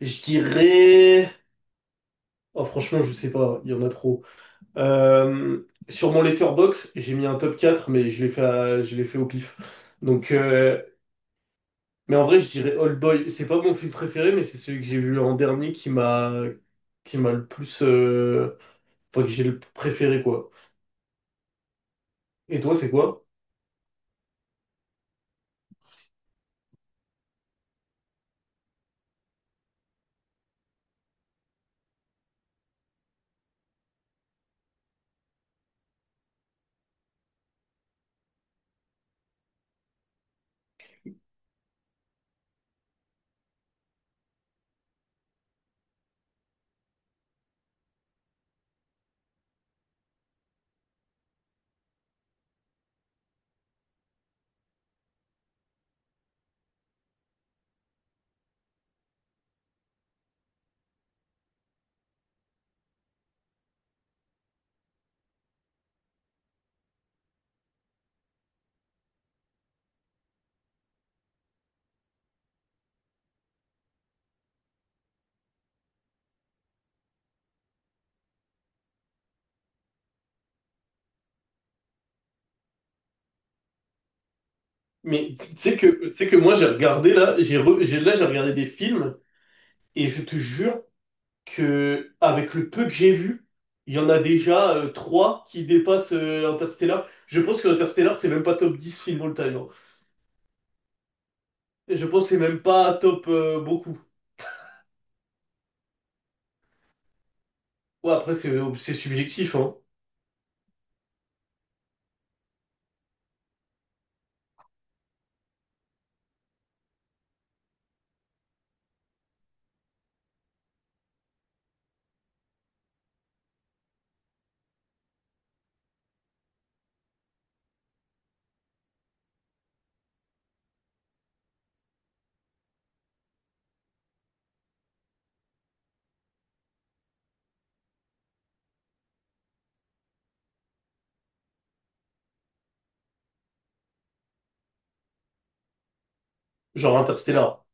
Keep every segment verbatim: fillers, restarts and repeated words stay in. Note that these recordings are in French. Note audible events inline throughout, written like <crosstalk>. Je dirais... Oh, franchement, je sais pas, il y en a trop. Euh, sur mon letterbox, j'ai mis un top quatre, mais je l'ai fait, à- je l'ai fait au pif. Donc, euh, mais en vrai, je dirais Old Boy. C'est pas mon film préféré, mais c'est celui que j'ai vu en dernier qui m'a, qui m'a le plus, euh, enfin, que j'ai le préféré, quoi. Et toi, c'est quoi? Mais tu sais que, tu sais que moi, j'ai regardé là, j'ai re- j'ai- là, j'ai regardé des films, et je te jure, que avec le peu que j'ai vu, il y en a déjà euh, trois qui dépassent euh, Interstellar. Je pense que Interstellar, c'est même pas top dix film all time, hein. Et je pense que c'est même pas top euh, beaucoup. Ouais, après, c'est euh, c'est subjectif, hein. Genre Interstellar.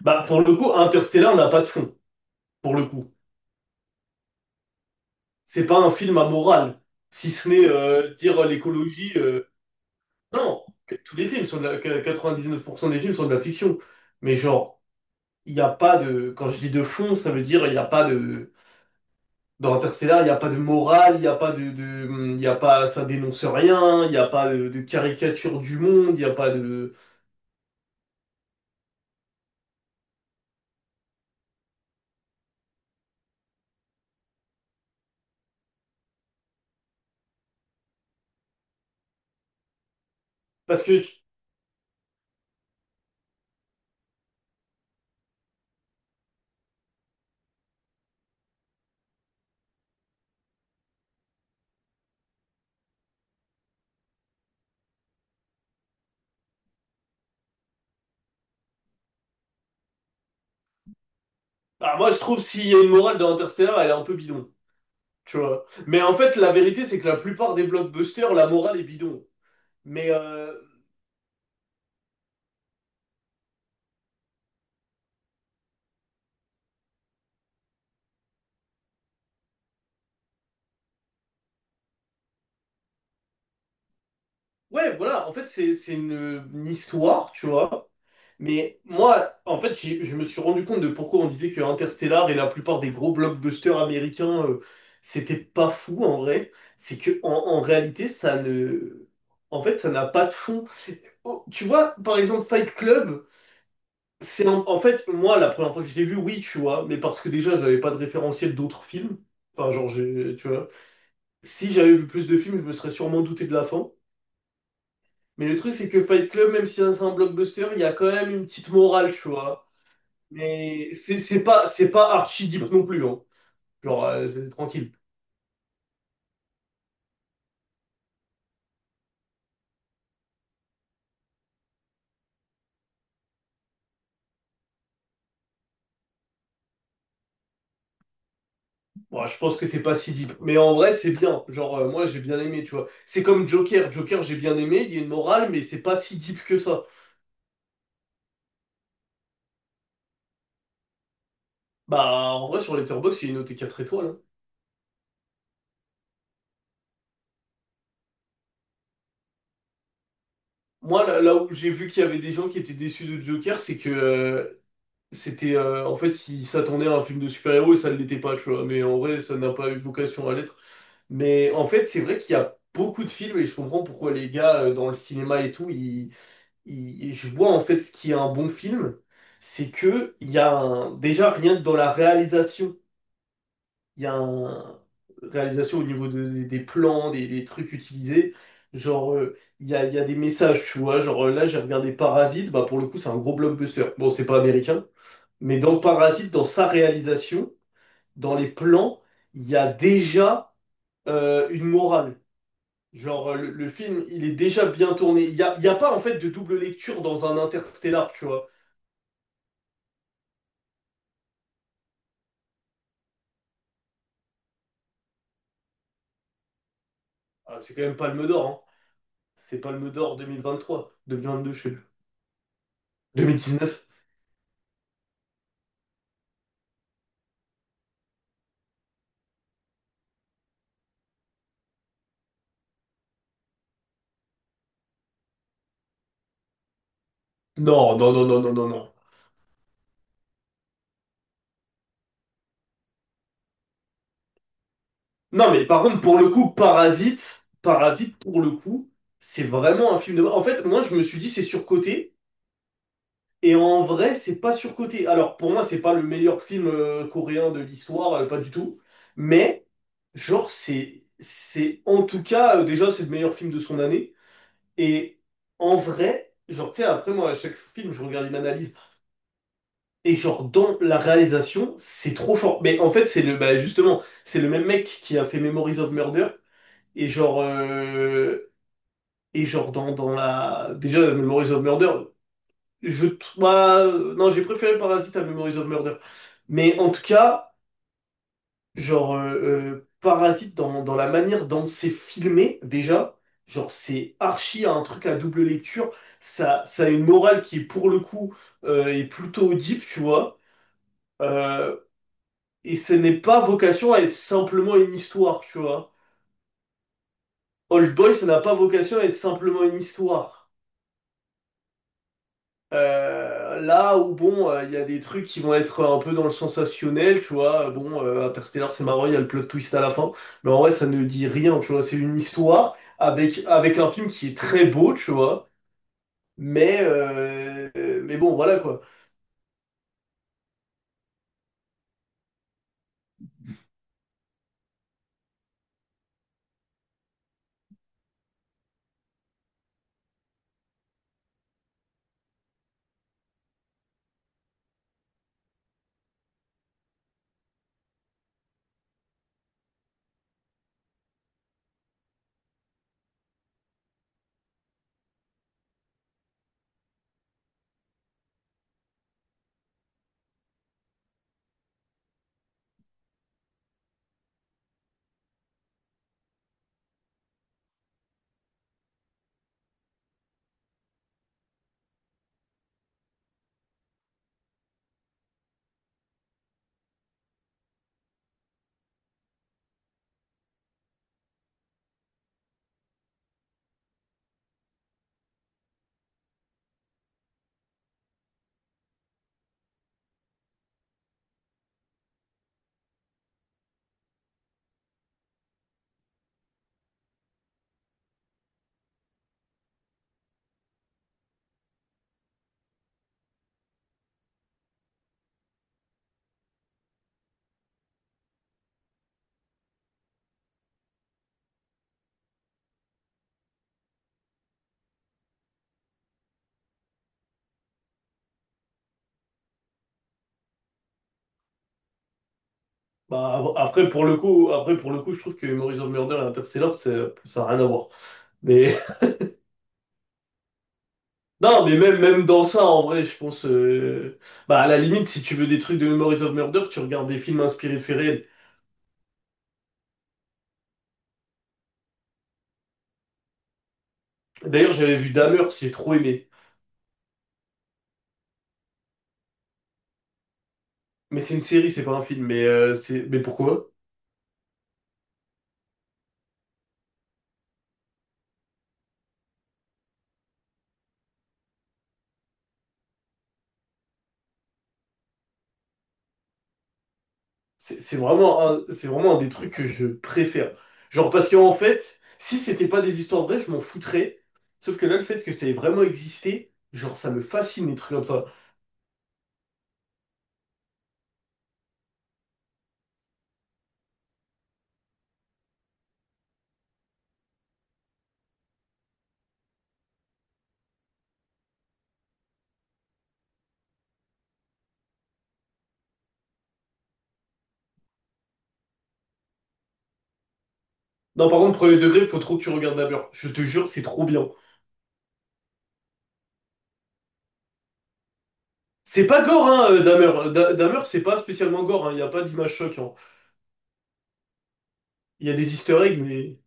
Bah, pour le coup, Interstellar n'a pas de fond, pour le coup. C'est pas un film à morale, si ce n'est euh, dire l'écologie. euh, Non, tous les films sont de la... que quatre-vingt-dix-neuf pour cent des films sont de la fiction. Mais genre, il n'y a pas de... Quand je dis de fond, ça veut dire il n'y a pas de... Dans Interstellar, il n'y a pas de morale, il n'y a pas de, de- il y a pas, ça dénonce rien, il n'y a pas de, de caricature du monde, il n'y a pas de, parce que, tu- ah, moi je trouve s'il y a une morale dans Interstellar, elle est un peu bidon, tu vois. Mais en fait, la vérité, c'est que la plupart des blockbusters, la morale est bidon. Mais euh, ouais, voilà, en fait, c'est c'est une, une histoire, tu vois. Mais moi, en fait, j'ai- je me suis rendu compte de pourquoi on disait que Interstellar et la plupart des gros blockbusters américains, euh, c'était pas fou en vrai. C'est que en, en réalité, ça ne, en fait, ça n'a pas de fond. Oh, tu vois, par exemple, Fight Club, c'est en, en fait moi la première fois que je l'ai vu, oui, tu vois, mais parce que déjà, j'avais pas de référentiel d'autres films. Enfin, genre, j'ai- tu vois, si j'avais vu plus de films, je me serais sûrement douté de la fin. Mais le truc, c'est que Fight Club, même si c'est un blockbuster, il y a quand même une petite morale, tu vois. Mais c'est c'est pas, c'est pas archi deep non plus, hein. Genre, euh, c'est tranquille. Bon, je pense que c'est pas si deep. Mais en vrai, c'est bien. Genre, euh, moi, j'ai bien aimé, tu vois. C'est comme Joker. Joker, j'ai bien aimé. Il y a une morale, mais c'est pas si deep que ça. Bah, en vrai, sur Letterboxd, il est noté quatre étoiles, hein. Moi, là, là où j'ai vu qu'il y avait des gens qui étaient déçus de Joker, c'est que euh, c'était euh, en fait, il s'attendait à un film de super-héros et ça ne l'était pas, tu vois. Mais en vrai, ça n'a pas eu vocation à l'être. Mais en fait, c'est vrai qu'il y a beaucoup de films et je comprends pourquoi les gars euh, dans le cinéma et tout, ils, ils- je vois en fait ce qui est un bon film, c'est que il y a un- déjà rien que dans la réalisation, il y a un réalisation au niveau de- des plans, des, des trucs utilisés. Genre, euh, il y a, il y a des messages, tu vois. Genre, euh, là, j'ai regardé Parasite, bah pour le coup, c'est un gros blockbuster. Bon, c'est pas américain. Mais dans Parasite, dans sa réalisation, dans les plans, il y a déjà euh, une morale. Genre, euh, le, le film, il est déjà bien tourné. Il n'y a, il y a pas, en fait, de double lecture dans un Interstellar, tu vois. Ah, c'est quand même Palme d'Or, hein. C'est Palme d'Or deux mille vingt-trois, deux mille vingt-deux, je sais plus. deux mille dix-neuf. Non, non, non, non, non, non, non. Non, mais par contre, pour le coup, Parasite, Parasite, pour le coup, c'est vraiment un film de... En fait, moi, je me suis dit, c'est surcoté. Et en vrai, c'est pas surcoté. Alors, pour moi, c'est pas le meilleur film euh, coréen de l'histoire, euh, pas du tout. Mais, genre, c'est, c'est, en tout cas, euh, déjà, c'est le meilleur film de son année. Et en vrai, genre, tu sais, après, moi, à chaque film, je regarde une analyse. Et genre, dans la réalisation, c'est trop fort. Mais en fait, c'est le, bah, justement, c'est le même mec qui a fait Memories of Murder. Et genre, euh, et genre, dans, dans la, déjà, Memories of Murder, Je, t- bah, euh, non, j'ai préféré Parasite à Memories of Murder. Mais en tout cas, genre, euh, euh, Parasite, dans, dans la manière dont c'est filmé, déjà, genre, c'est archi un truc à double lecture. Ça, ça a une morale qui, pour le coup, euh, est plutôt deep, tu vois. Euh, et ce n'est pas vocation à être simplement une histoire, tu vois. Old Boy, ça n'a pas vocation à être simplement une histoire. Euh, là où bon, euh, il y a des trucs qui vont être un peu dans le sensationnel, tu vois. Euh, Bon, euh, Interstellar, c'est marrant, il y a le plot twist à la fin, mais en vrai, ça ne dit rien, tu vois. C'est une histoire avec avec un film qui est très beau, tu vois. Mais euh, euh, mais bon, voilà quoi. Bah, ab- après pour le coup, après pour le coup, je trouve que Memories of Murder et Interstellar, c'est- ça a rien à voir. Mais <laughs> non, mais même même dans ça, en vrai, je pense. euh, Bah à la limite, si tu veux des trucs de Memories of Murder, tu regardes des films inspirés de faits réels. D'ailleurs, j'avais vu Dahmer, j'ai trop aimé. Mais c'est une série, c'est pas un film. Mais, euh, c'est... mais pourquoi? C'est c'est vraiment un... c'est vraiment un des trucs que je préfère. Genre, parce qu'en fait, si c'était pas des histoires vraies, je m'en foutrais. Sauf que là, le fait que ça ait vraiment existé, genre, ça me fascine, les trucs comme ça. Non, par contre, premier degré, faut trop que tu regardes Dahmer. Je te jure, c'est trop bien. C'est pas gore, hein, euh, Dahmer. Euh, Da- Dahmer, c'est pas spécialement gore, hein. Il y a pas d'image choc, hein. Il y a des easter eggs, mais...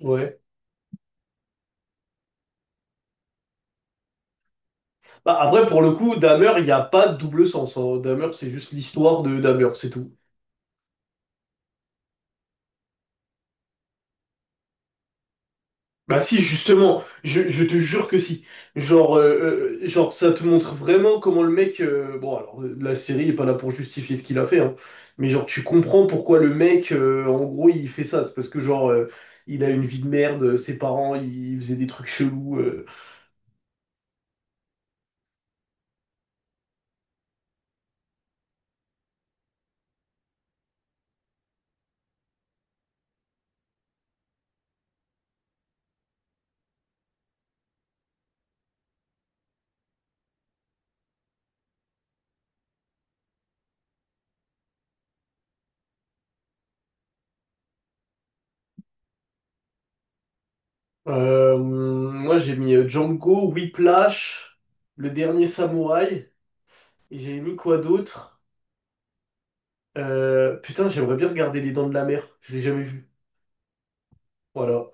Ouais. Bah, après, pour le coup, Dahmer, il n'y a pas de double sens, hein. Dahmer, c'est juste l'histoire de Dahmer, c'est tout. Bah si, justement, je, je te jure que si. Genre, euh, euh, genre, ça te montre vraiment comment le mec... euh, bon, alors, euh, La série est pas là pour justifier ce qu'il a fait, hein. Mais genre, tu comprends pourquoi le mec, euh, en gros, il fait ça. C'est parce que, genre, euh, il a une vie de merde, euh, ses parents, ils faisaient des trucs chelous. euh. Euh, moi, j'ai mis euh, Django, Whiplash, Le Dernier Samouraï, et j'ai mis quoi d'autre? Euh, putain, j'aimerais bien regarder Les Dents de la Mer. Je l'ai jamais vu. Voilà.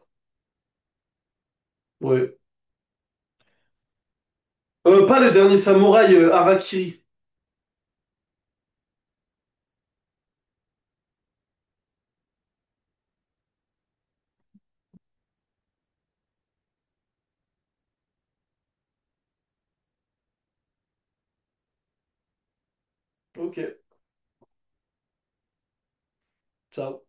Ouais. Euh, pas le dernier samouraï, euh, Harakiri. Ok, ciao.